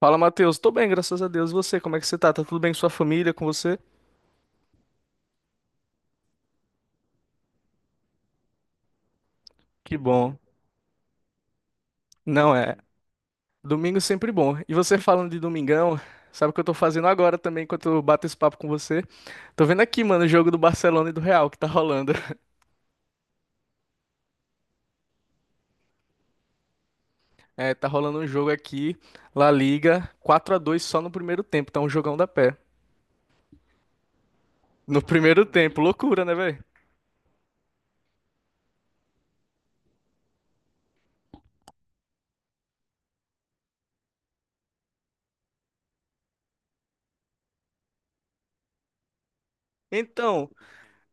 Fala, Matheus. Tô bem, graças a Deus. E você, como é que você tá? Tá tudo bem com sua família, com você? Que bom. Não é. Domingo é sempre bom. E você falando de domingão, sabe o que eu tô fazendo agora também, enquanto eu bato esse papo com você? Tô vendo aqui, mano, o jogo do Barcelona e do Real que tá rolando. É, tá rolando um jogo aqui, La Liga, 4-2 só no primeiro tempo. Tá um jogão da pé. No primeiro tempo. Loucura, né, velho? Então,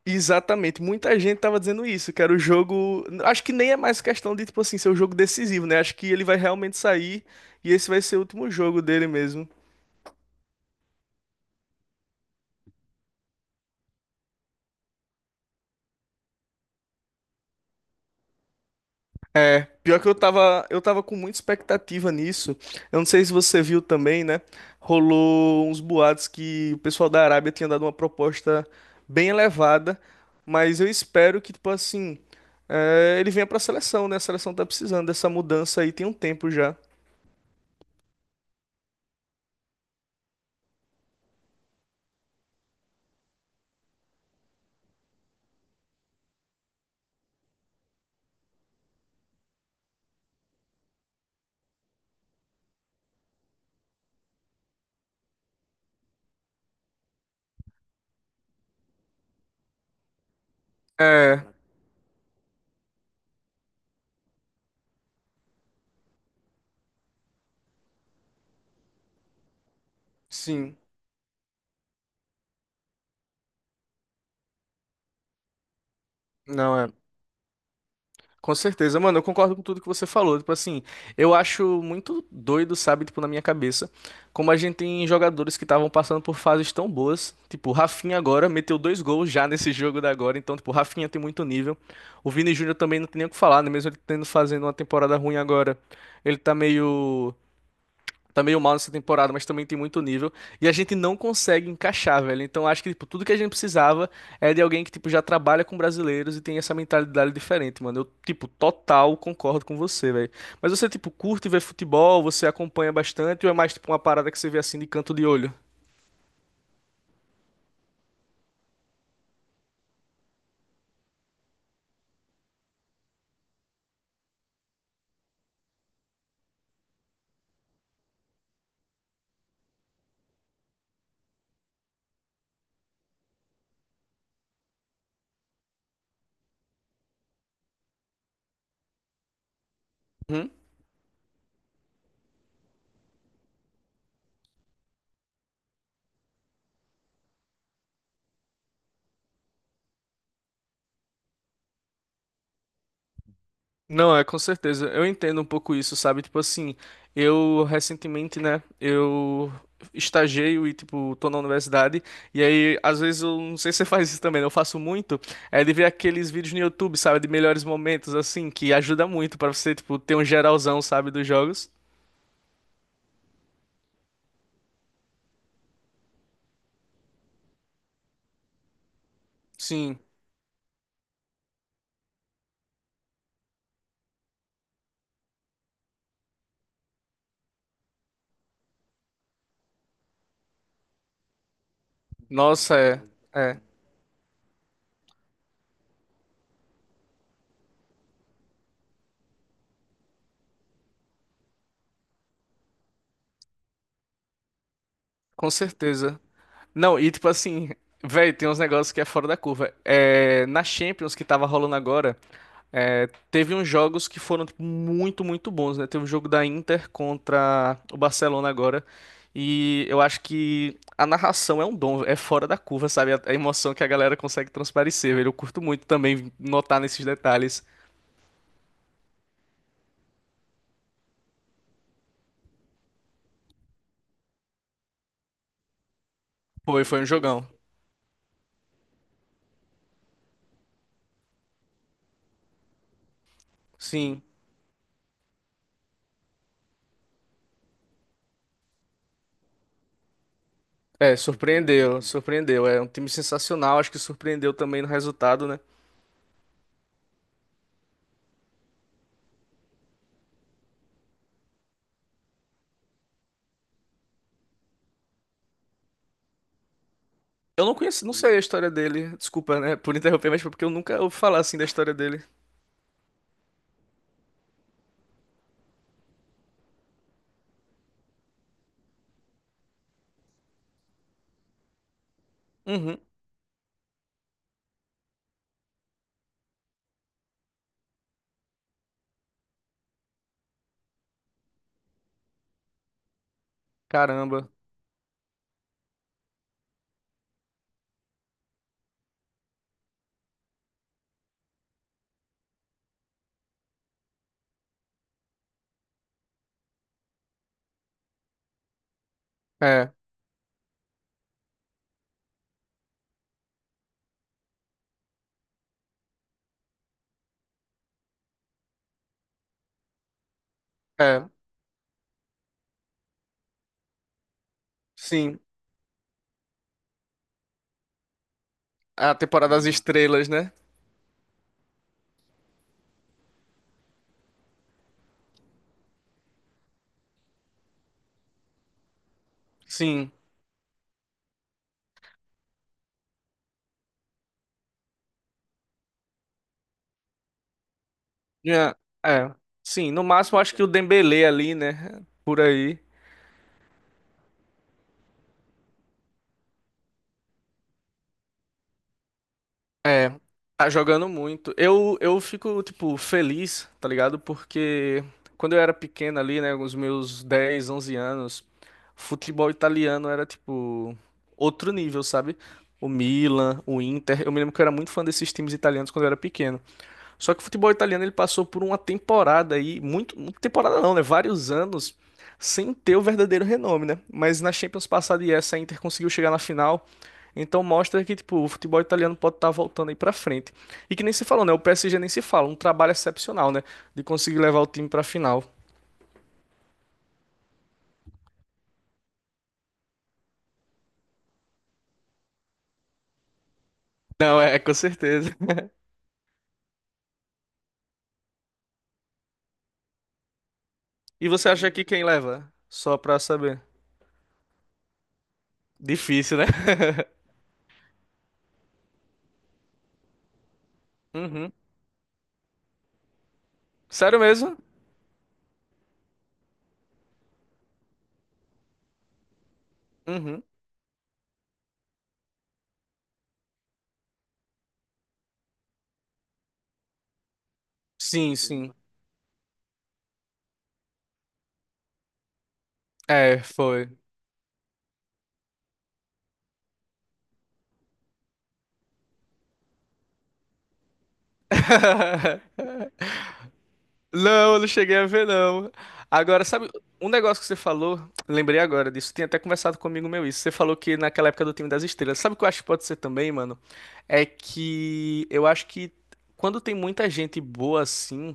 exatamente, muita gente tava dizendo isso, que era o jogo. Acho que nem é mais questão de, tipo assim, ser o jogo decisivo, né? Acho que ele vai realmente sair e esse vai ser o último jogo dele mesmo. É, pior que eu tava com muita expectativa nisso. Eu não sei se você viu também, né? Rolou uns boatos que o pessoal da Arábia tinha dado uma proposta bem elevada, mas eu espero que, tipo assim, ele venha pra seleção, né? A seleção tá precisando dessa mudança aí tem um tempo já. É, sim. Não, é. Com certeza, mano, eu concordo com tudo que você falou. Tipo assim, eu acho muito doido, sabe, tipo, na minha cabeça, como a gente tem jogadores que estavam passando por fases tão boas. Tipo, o Rafinha agora meteu dois gols já nesse jogo da agora, então, tipo, o Rafinha tem muito nível. O Vini Júnior também não tem nem o que falar, né? Mesmo ele tendo fazendo uma temporada ruim agora, ele tá meio mal nessa temporada, mas também tem muito nível. E a gente não consegue encaixar, velho. Então acho que, tipo, tudo que a gente precisava é de alguém que, tipo, já trabalha com brasileiros e tem essa mentalidade diferente, mano. Eu, tipo, total concordo com você, velho. Mas você, tipo, curte ver futebol, você acompanha bastante ou é mais, tipo, uma parada que você vê assim de canto de olho? Hum? Não, é com certeza. Eu entendo um pouco isso, sabe? Tipo assim, eu recentemente, né, eu estagiei e, tipo, tô na universidade, e aí, às vezes, eu não sei se você faz isso também, né? Eu faço muito, é de ver aqueles vídeos no YouTube, sabe? De melhores momentos, assim, que ajuda muito pra você, tipo, ter um geralzão, sabe, dos jogos. Sim. Nossa, é. É. Com certeza. Não, e tipo assim, velho, tem uns negócios que é fora da curva. É, na Champions que tava rolando agora, teve uns jogos que foram tipo, muito, muito bons, né? Teve um jogo da Inter contra o Barcelona agora. E eu acho que a narração é um dom, é fora da curva, sabe? A emoção que a galera consegue transparecer, velho. Eu curto muito também notar nesses detalhes. Foi, foi um jogão. Sim. É, surpreendeu, surpreendeu. É um time sensacional, acho que surpreendeu também no resultado, né? Eu não conheço, não sei a história dele. Desculpa, né, por interromper, mas foi porque eu nunca ouvi falar assim da história dele. Uhum. Caramba. É, é. Sim. A temporada das estrelas, né? Sim. É. É. Sim, no máximo acho que o Dembélé ali, né? Por aí. É, tá jogando muito. Eu fico, tipo, feliz, tá ligado? Porque quando eu era pequeno ali, né, com os meus 10, 11 anos, futebol italiano era, tipo, outro nível, sabe? O Milan, o Inter. Eu me lembro que eu era muito fã desses times italianos quando eu era pequeno. Só que o futebol italiano ele passou por uma temporada aí, muito, muito temporada não, né? Vários anos sem ter o verdadeiro renome, né? Mas na Champions passada e essa a Inter conseguiu chegar na final. Então mostra que tipo, o futebol italiano pode estar voltando aí pra frente. E que nem se falou, né? O PSG nem se fala, um trabalho excepcional, né? De conseguir levar o time pra final. Não, é, com certeza. E você acha que quem leva? Só pra saber. Difícil, né? Uhum. Sério mesmo? Uhum. Sim, sim. É, foi. Não, eu não cheguei a ver, não. Agora, sabe, um negócio que você falou, lembrei agora disso, tinha até conversado comigo meu isso. Você falou que naquela época do time das estrelas. Sabe o que eu acho que pode ser também, mano? É que eu acho que quando tem muita gente boa assim,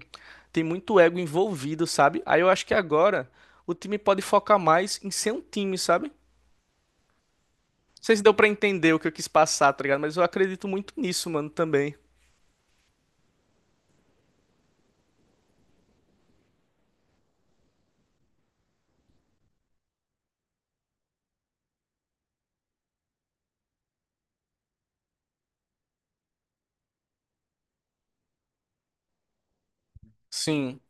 tem muito ego envolvido, sabe? Aí eu acho que agora o time pode focar mais em ser um time, sabe? Não sei se deu pra entender o que eu quis passar, tá ligado? Mas eu acredito muito nisso, mano, também. Sim,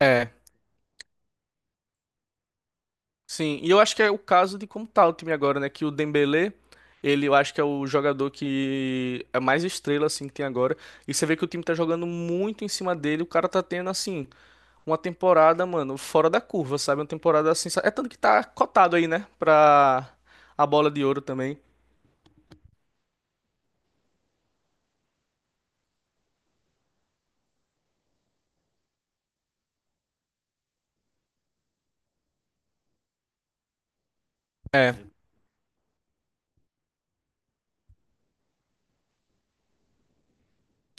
é. Sim, e eu acho que é o caso de como tá o time agora, né? Que o Dembélé, ele eu acho que é o jogador que é mais estrela, assim, que tem agora. E você vê que o time tá jogando muito em cima dele. O cara tá tendo, assim, uma temporada, mano, fora da curva, sabe? Uma temporada assim. Sa- é tanto que tá cotado aí, né? Pra a bola de ouro também. É,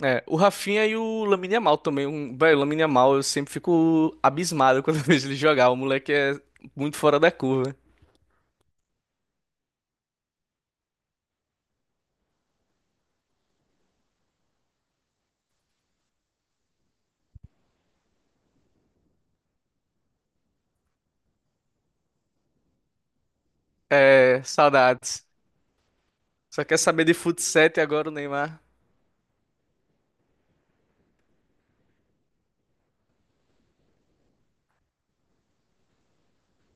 é. O Rafinha e o Lamine Yamal também. Um, velho, o Lamine Yamal, eu sempre fico abismado quando eu vejo ele jogar. O moleque é muito fora da curva. É, saudades. Só quer saber de futsal e agora o Neymar?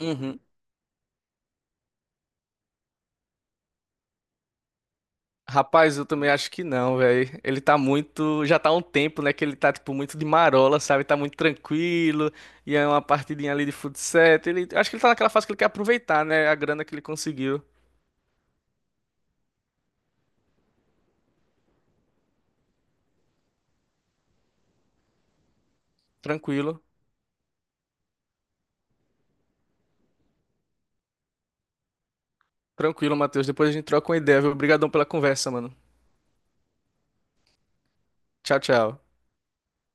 Uhum. Rapaz, eu também acho que não, velho. Ele tá muito. Já tá há um tempo, né? Que ele tá, tipo, muito de marola, sabe? Tá muito tranquilo. E é uma partidinha ali de futsal. Ele... Acho que ele tá naquela fase que ele quer aproveitar, né? A grana que ele conseguiu. Tranquilo. Tranquilo, Matheus. Depois a gente troca uma ideia, viu? Obrigadão pela conversa, mano. Tchau, tchau.